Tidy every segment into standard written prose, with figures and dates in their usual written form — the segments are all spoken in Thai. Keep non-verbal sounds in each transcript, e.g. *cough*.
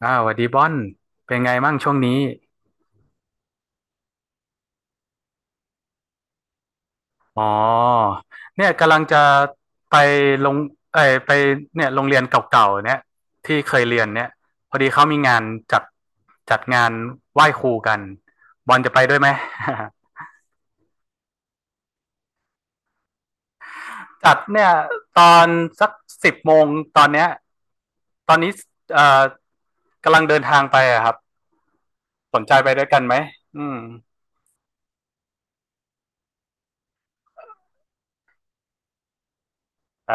สวัสดีบอนเป็นไงมั่งช่วงนี้อ๋อเนี่ยกำลังจะไปลงเอ้ยไปเนี่ยโรงเรียนเก่าๆเนี่ยที่เคยเรียนเนี่ยพอดีเขามีงานจัดจัดงานไหว้ครูกันบอลจะไปด้วยไหม *laughs* จัดเนี่ยตอนสัก10 โมงตอนเนี้ยตอนนี้เอ่อกำลังเดินทางไปอะครับสนใจไปด้วยกันไหมอืม เออ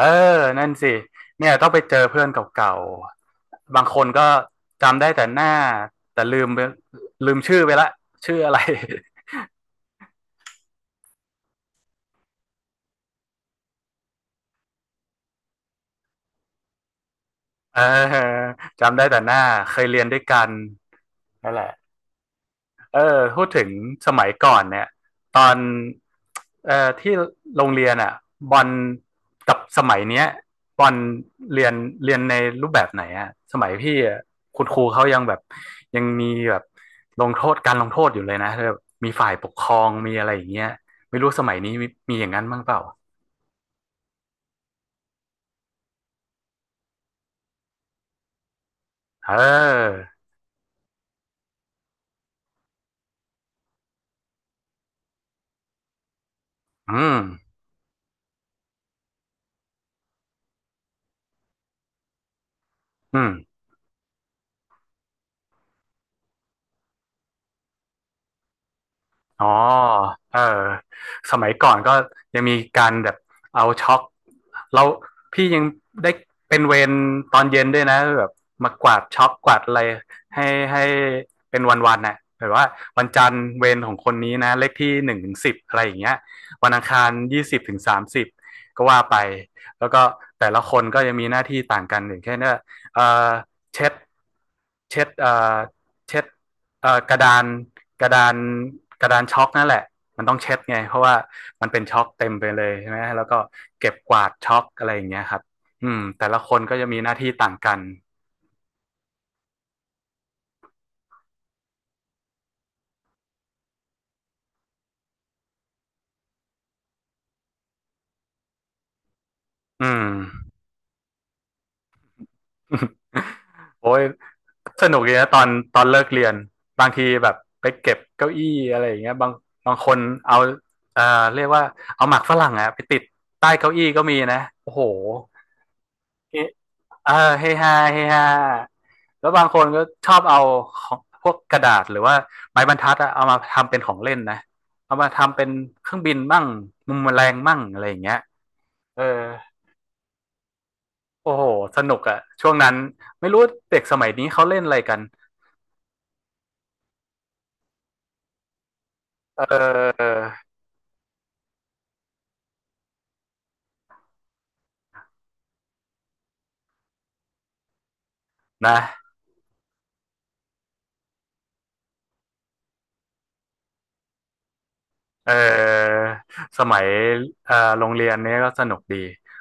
นั่นสิเนี่ยต้องไปเจอเพื่อนเก่าๆบางคนก็จำได้แต่หน้าแต่ลืมชื่อไปละชื่ออะไร *laughs* เออจำได้แต่หน้าเคยเรียนด้วยกันนั่นแหละ เออพูดถึงสมัยก่อนเนี่ยตอนที่โรงเรียนอ่ะบอลกับสมัยเนี้ยบอลเรียนเรียนในรูปแบบไหนอ่ะสมัยพี่อะคุณครูเขายังแบบยังมีแบบลงโทษการลงโทษอยู่เลยนะแบบมีฝ่ายปกครองมีอะไรอย่างเงี้ยไม่รู้สมัยนี้มีอย่างนั้นบ้างเปล่าเอออืมอืม อ๋อเออสมัยก่อนก็ยังมีการแบบเอาช็อกเราพี่ยังได้เป็นเวรตอนเย็นด้วยนะแบบมากวาดช็อกกวาดอะไรให้ให้เป็นวันๆน่ะแบบว่าวันจันทร์เวรของคนนี้นะเลขที่1-10อะไรอย่างเงี้ยวันอังคาร20-30ก็ว่าไปแล้วก็แต่ละคนก็ยังมีหน้าที่ต่างกันอย่างเช่นว่าเออเช็ดเช็ดเอ่อเช็ดกระดาน กระดานช็อกนั่นแหละมันต้องเช็ดไงเพราะว่ามันเป็นช็อกเต็มไปเลยใช่ไหมแล้วก็เก็บกวาดช็อกอะไรอย่างเงี้ยครับอืมแต่ละคนก็จะมีหน้าที่ต่างกันอืม *laughs* โอ้ยสนุกเลีนะตอนเลิกเรียนบางทีแบบไปเก็บเก้าอี้อะไรอย่างเงี้ยบางคนเอาเอ่อเรียกว่าเอาหมากฝรั่งอะไปติดใต้เก้าอี้ก็มีนะโอ้โห เฮเออเฮฮาเฮฮาแล้วบางคนก็ชอบเอาของพวกกระดาษหรือว่าไม้บรรทัดอะเอามาทำเป็นของเล่นนะเอามาทำเป็นเครื่องบินมั่งมุมแมลงมั่งอะไรอย่างเงี้ยเออโอ้โหสนุกอะช่วงนั้นไม่รู้เด็กสมัยนี้เขาเล่นอะไรกันเออนะเออสมัยโรงเรียนเนี้ยก็สนุกดี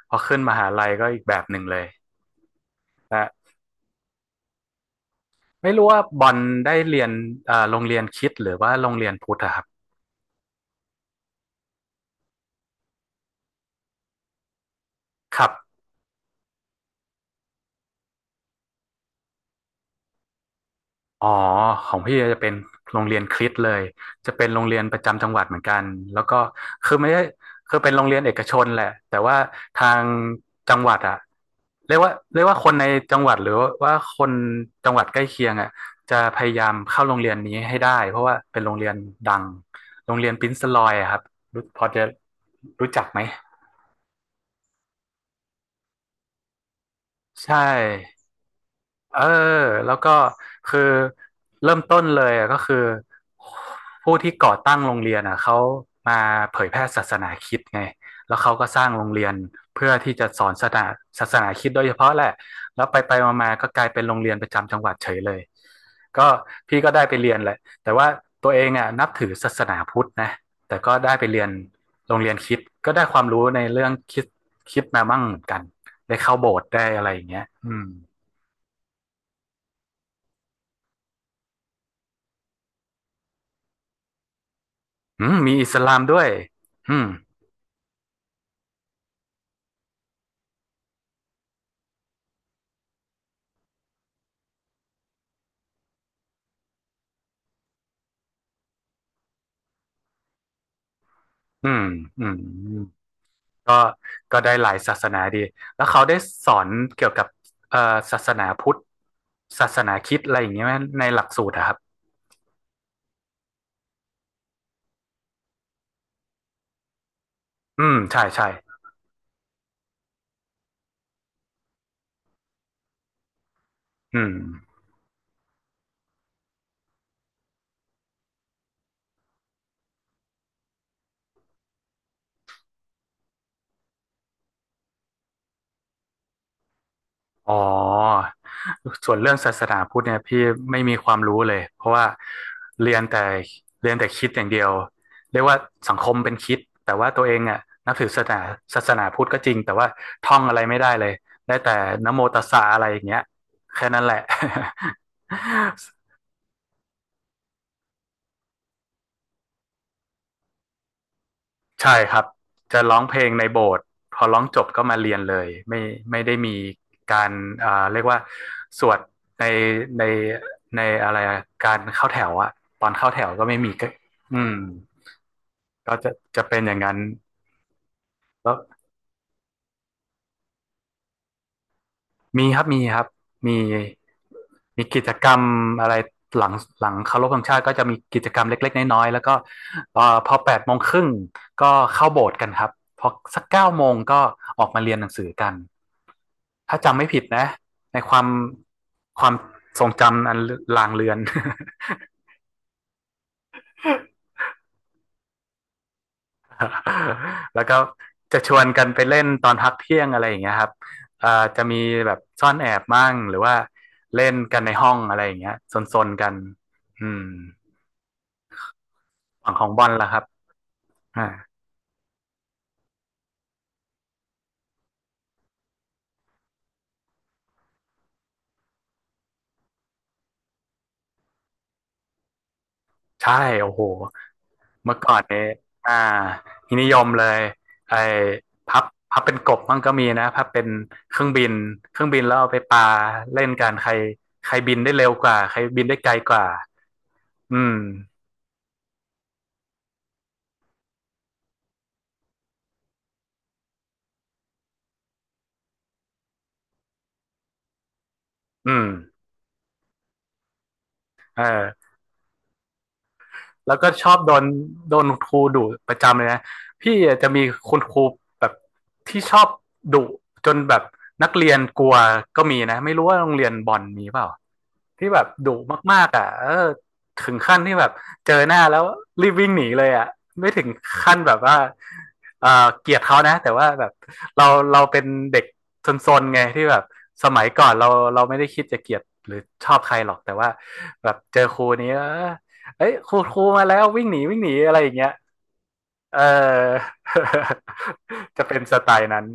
พอขึ้นมหาลัยก็อีกแบบหนึ่งเลยนะไม่รู้ว่าบอลได้เรียนโรงเรียนคริสต์หรือว่าโรงเรียนพุทธอะครับ ครับอ๋อของพี่จะเป็นโรงเรียนคริสต์เลยจะเป็นโรงเรียนประจำจังหวัดเหมือนกันแล้วก็คือไม่ได้คือเป็นโรงเรียนเอกชนแหละแต่ว่าทางจังหวัดอะเรียกว่าคนในจังหวัดหรือว่าคนจังหวัดใกล้เคียงอะจะพยายามเข้าโรงเรียนนี้ให้ได้เพราะว่าเป็นโรงเรียนดังโรงเรียนปรินซ์ลอยอะครับพอจะรู้จักไหมใช่ เออแล้วก็คือเริ่มต้นเลยอะก็คือผู้ที่ก่อตั้งโรงเรียนอ่ะเขามาเผยแพร่ศาสนาคริสต์ไงแล้วเขาก็สร้างโรงเรียนเพื่อที่จะสอนศาสนาคริสต์โดยเฉพาะแหละแล้วไปไปมาๆก็กลายเป็นโรงเรียนประจำจังหวัดเฉยเลยก็พี่ก็ได้ไปเรียนแหละแต่ว่าตัวเองอ่ะนับถือศาสนาพุทธนะแต่ก็ได้ไปเรียนโรงเรียนคริสต์ก็ได้ความรู้ในเรื่องคริสต์มาบ้างเหมือนกันได้เข้าโบสถ์ได้อะไรอย่างเงี้ยอืม อืมมีอิสลามด้วยอืมอืมอืมก็ก็ได้หลายศาสนาดี แล้วเขาได้สอนเกี่ยวกับเอ่อศาสนาพุทธศาสนาคริสต์อะไรอย่างเงี้ยไหมในหลักสูตรอะครับอืมใช่ใช่อืม อ๋อส่วนเรื่องศาสนาพุทธเนี่ยพี่ไม่มีความรู้เลยเพราะว่าเรียนแต่เรียนแต่คริดอย่างเดียวเรียกว่าสังคมเป็นคริดแต่ว่าตัวเองอ่ะนับถือศาสนาพุทธก็จริงแต่ว่าท่องอะไรไม่ได้เลยได้แต่นะโมตัสสะอะไรอย่างเงี้ยแค่นั้นแหละ *laughs* ใช่ครับจะร้องเพลงในโบสถ์พอร้องจบก็มาเรียนเลยไม่ได้มีการเอ่าเรียกว่าสวดในในในอะไรอะการเข้าแถวอะตอนเข้าแถวก็ไม่มีก็อืมก็จะเป็นอย่างนั้นแล้วมีครับมีครับมีมีกิจกรรมอะไรหลังหลังเคารพธงชาติก็จะมีกิจกรรมเล็กๆน้อยๆแล้วก็พอ8 โมงครึ่งก็เข้าโบสถ์กันครับพอสัก9 โมงก็ออกมาเรียนหนังสือกัน ถ้าจำไม่ผิดนะในความความทรงจำอันลางเลือน *laughs* แล้วก็จะชวนกันไปเล่นตอนพักเที่ยงอะไรอย่างเงี้ยครับจะมีแบบซ่อนแอบมั่งหรือว่าเล่นกันในห้องอะไรอย่างเงี้ยซนๆกันอืมฝั่งของบอลล่ะครับอ่า ใช่โอ้โหเมื่อก่อนเนี่ยอ่านิยมเลยไอ้พับพับเป็นกบมั่งก็มีนะพับเป็นเครื่องบินเครื่องบินแล้วเอาไปปาเล่นกันใครใครบินได้เร็วกว่าใครบินได้ไกลกว่าอืมอืมเออแล้วก็ชอบโดนโดนครูดุประจำเลยนะพี่อาจจะมีคุณครูแบบที่ชอบดุจนแบบนักเรียนกลัวก็มีนะไม่รู้ว่าโรงเรียนบอลมีเปล่า ที่แบบดุมากๆอ่ะเออถึงขั้นที่แบบเจอหน้าแล้วรีบวิ่งหนีเลยอ่ะไม่ถึงขั้นแบบว่าเออเกลียดเขานะแต่ว่าแบบเราเราเป็นเด็กซนๆไงที่แบบสมัยก่อนเราไม่ได้คิดจะเกลียดหรือชอบใครหรอกแต่ว่าแบบเจอครูนี้เออเอ้ยครูมาแล้ววิ่งหนีวิ่งหนีอะไรอย่างเงี้ยเออ *laughs* จะเป็นสไตล์นั้น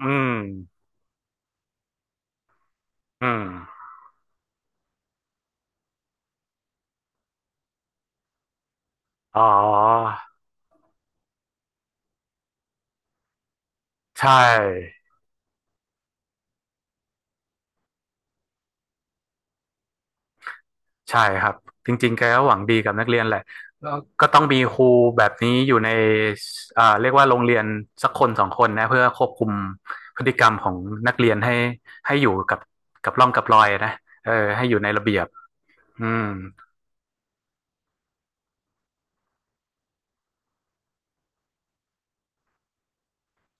อืมอืมอ๋อใช่ ใช่ครับจริงๆแกก็หวังดีกับนักเรียนแหละแล้วก็ต้องมีครูแบบนี้อยู่ในอ่าเรียกว่าโรงเรียนสักคนสองคนนะเพื่อควบคุมพฤติกรรมของนักเรียนให้ให้อยู่กับกับร่องกับรอยนะเออให้อยู่ในระเบียบอืม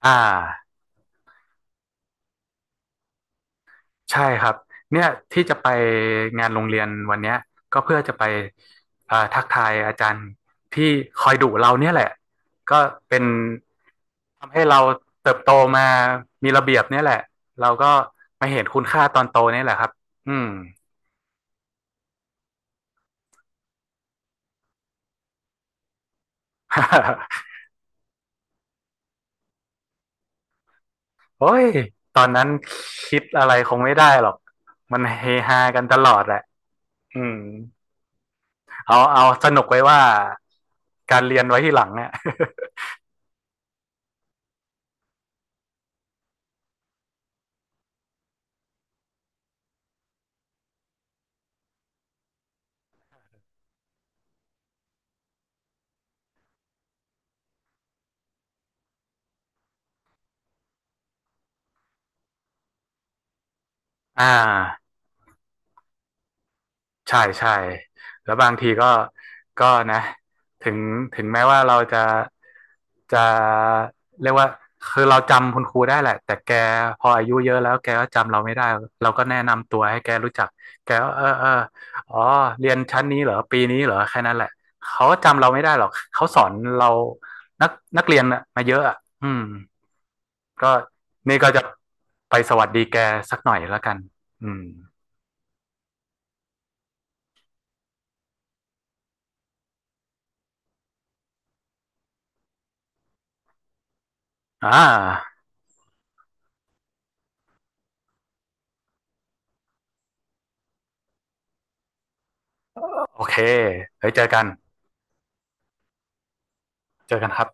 อ่าใช่ครับเนี่ยที่จะไปงานโรงเรียนวันเนี้ยก็เพื่อจะไปอ่าทักทายอาจารย์ที่คอยดุเราเนี่ยแหละก็เป็น ทำให้เราเติบโตมามีระเบียบเนี่ยแหละ เราก็มาเห็นคุณค่าตอนโตเนี่ยแหละครับ อืม *laughs* โอ้ยตอนนั้นคิดอะไรคงไม่ได้หรอก มันเฮฮากันตลอดแหละอืมเอาเอาสนุกไว้ว่าการเรียนไว้ที่หลังเนี่ย *laughs* อ่า ใช่ใช่แล้วบางทีก็ก็นะถึงถึงแม้ว่าเราจะจะเรียกว่าคือเราจำคุณครูได้แหละแต่แกพออายุเยอะแล้วแกก็จำเราไม่ได้เราก็แนะนำตัวให้แกรู้จักแกก็เออเอออ๋อเรียนชั้นนี้เหรอปีนี้เหรอแค่นั้นแหละเขาจำเราไม่ได้หรอกเขาสอนเรานักนักเรียนน่ะมาเยอะอ่ะอืมก็นี่ก็จะไปสวัสดีแกสักหน่อยแล้วกันอืมอ่าโอเคไป้ยเจอกัน เจอกันครับ